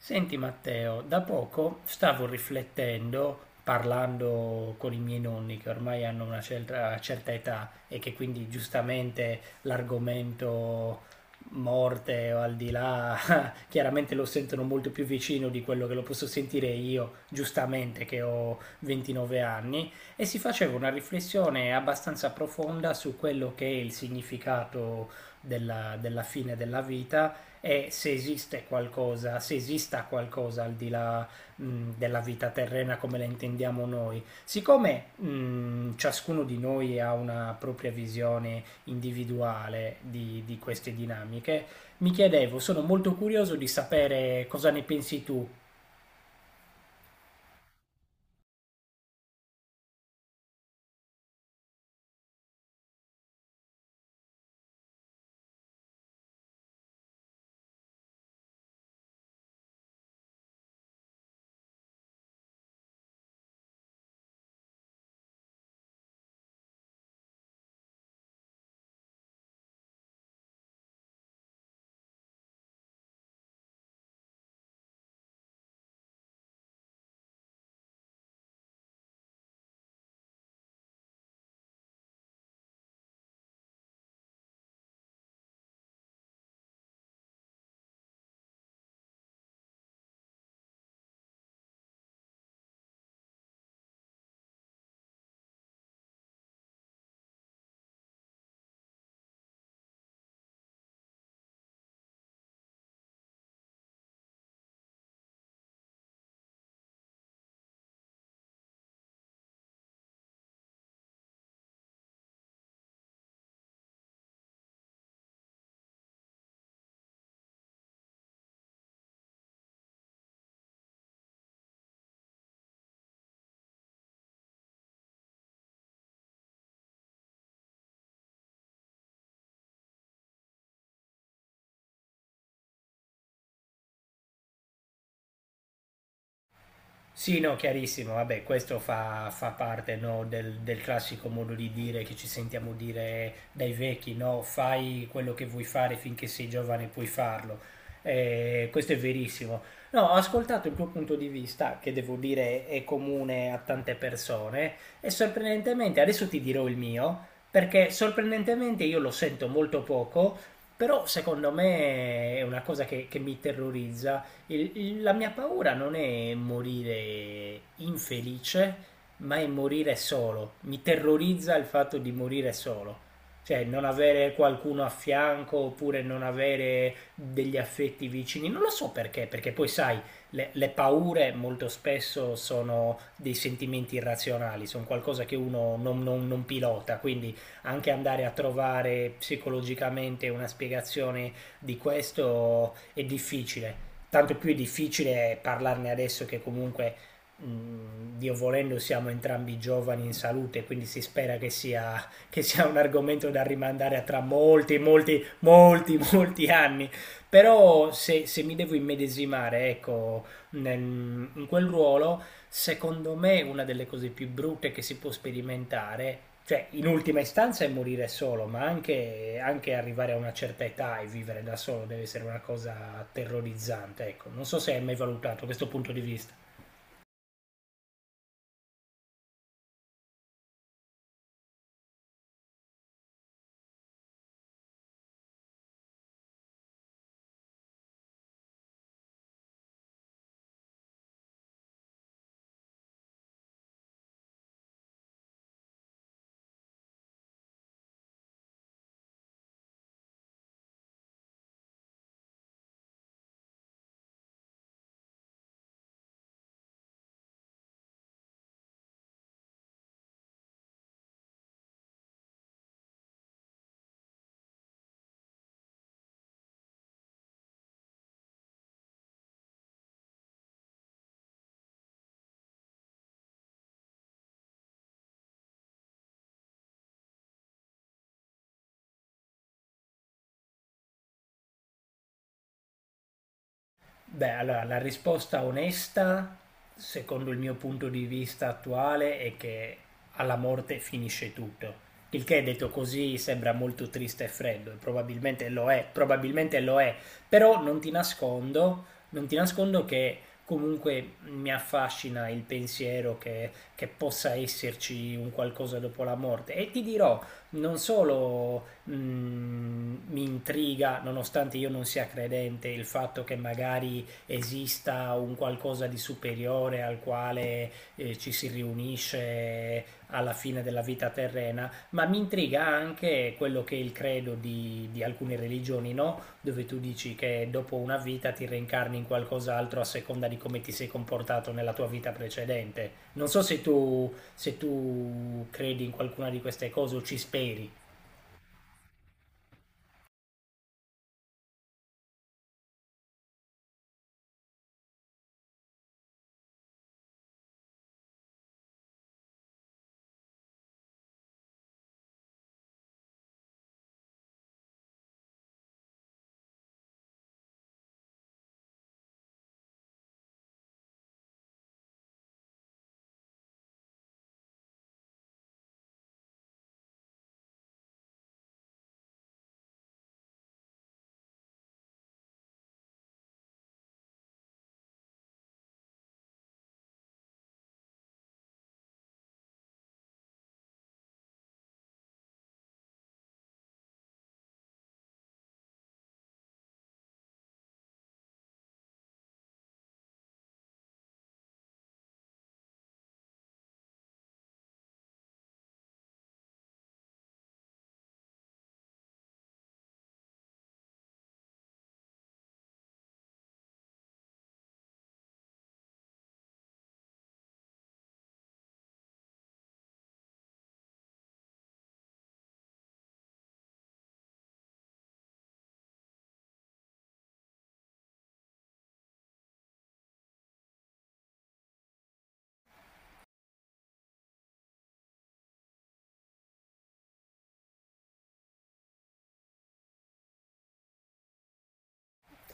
Senti Matteo, da poco stavo riflettendo, parlando con i miei nonni che ormai hanno una certa età e che quindi giustamente l'argomento morte o al di là chiaramente lo sentono molto più vicino di quello che lo posso sentire io, giustamente che ho 29 anni, e si faceva una riflessione abbastanza profonda su quello che è il significato della fine della vita e se esiste qualcosa, se esista qualcosa al di là della vita terrena come la intendiamo noi. Siccome ciascuno di noi ha una propria visione individuale di queste dinamiche, mi chiedevo, sono molto curioso di sapere cosa ne pensi tu. Sì, no, chiarissimo, vabbè, questo fa parte, no, del classico modo di dire che ci sentiamo dire dai vecchi, no, fai quello che vuoi fare finché sei giovane puoi farlo. Questo è verissimo. No, ho ascoltato il tuo punto di vista, che devo dire è comune a tante persone, e sorprendentemente, adesso ti dirò il mio, perché sorprendentemente io lo sento molto poco, però secondo me è una cosa che mi terrorizza. La mia paura non è morire infelice, ma è morire solo. Mi terrorizza il fatto di morire solo. Cioè, non avere qualcuno a fianco oppure non avere degli affetti vicini. Non lo so perché, perché poi sai, le paure molto spesso sono dei sentimenti irrazionali, sono qualcosa che uno non pilota, quindi anche andare a trovare psicologicamente una spiegazione di questo è difficile, tanto più è difficile parlarne adesso che comunque, Dio volendo, siamo entrambi giovani in salute, quindi si spera che sia un argomento da rimandare a tra molti, molti, molti, molti anni. Però se, se mi devo immedesimare, ecco, in quel ruolo, secondo me una delle cose più brutte che si può sperimentare, cioè in ultima istanza è morire solo, ma anche, anche arrivare a una certa età e vivere da solo deve essere una cosa terrorizzante, ecco. Non so se hai mai valutato questo punto di vista. Beh, allora la risposta onesta, secondo il mio punto di vista attuale, è che alla morte finisce tutto. Il che detto così sembra molto triste e freddo, e probabilmente lo è, però non ti nascondo che comunque mi affascina il pensiero che possa esserci un qualcosa dopo la morte. E ti dirò, non solo mi intriga, nonostante io non sia credente, il fatto che magari esista un qualcosa di superiore al quale ci si riunisce alla fine della vita terrena, ma mi intriga anche quello che è il credo di alcune religioni, no? Dove tu dici che dopo una vita ti reincarni in qualcos'altro a seconda di come ti sei comportato nella tua vita precedente. Non so se tu, se tu credi in qualcuna di queste cose o ci speri.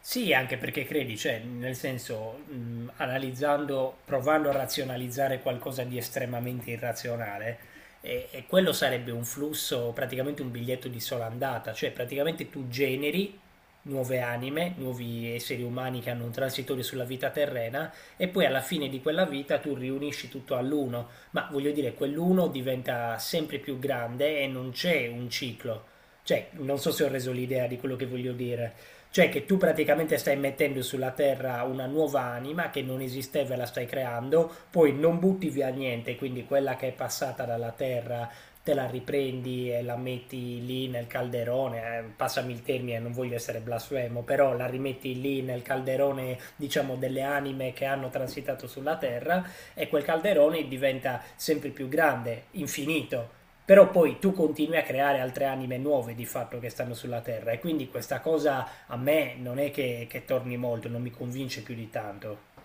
Sì, anche perché credi, cioè, nel senso, analizzando, provando a razionalizzare qualcosa di estremamente irrazionale, e quello sarebbe un flusso, praticamente un biglietto di sola andata, cioè praticamente tu generi nuove anime, nuovi esseri umani che hanno un transitorio sulla vita terrena e poi alla fine di quella vita tu riunisci tutto all'uno, ma voglio dire, quell'uno diventa sempre più grande e non c'è un ciclo. Cioè, non so se ho reso l'idea di quello che voglio dire. Cioè che tu praticamente stai mettendo sulla Terra una nuova anima che non esisteva e la stai creando, poi non butti via niente, quindi quella che è passata dalla Terra te la riprendi e la metti lì nel calderone, passami il termine, non voglio essere blasfemo, però la rimetti lì nel calderone, diciamo, delle anime che hanno transitato sulla Terra e quel calderone diventa sempre più grande, infinito, però poi tu continui a creare altre anime nuove di fatto che stanno sulla Terra e quindi questa cosa a me non è che torni molto, non mi convince più di tanto.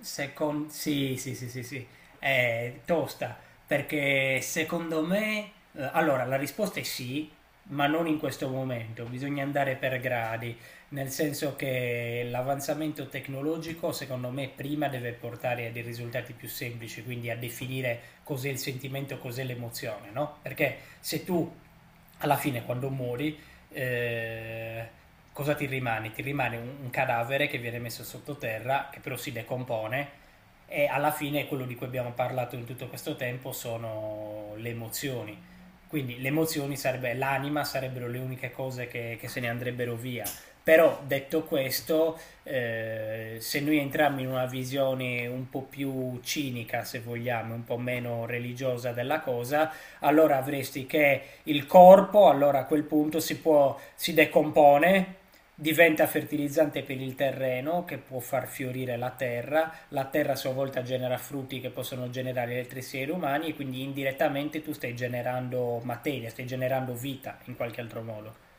Sì, sì, sì, sì, sì, è tosta, perché secondo me, allora la risposta è sì, ma non in questo momento, bisogna andare per gradi, nel senso che l'avanzamento tecnologico secondo me prima deve portare a dei risultati più semplici, quindi a definire cos'è il sentimento, cos'è l'emozione, no? Perché se tu alla fine quando muori eh, cosa ti rimane? Ti rimane un cadavere che viene messo sottoterra, che però si decompone e alla fine quello di cui abbiamo parlato in tutto questo tempo sono le emozioni. Quindi le emozioni sarebbe l'anima, sarebbero le uniche cose che se ne andrebbero via. Però detto questo, se noi entriamo in una visione un po' più cinica, se vogliamo, un po' meno religiosa della cosa, allora avresti che il corpo, allora a quel punto si, può, si decompone, diventa fertilizzante per il terreno che può far fiorire la terra a sua volta genera frutti che possono generare altri esseri umani e quindi indirettamente tu stai generando materia, stai generando vita in qualche altro modo.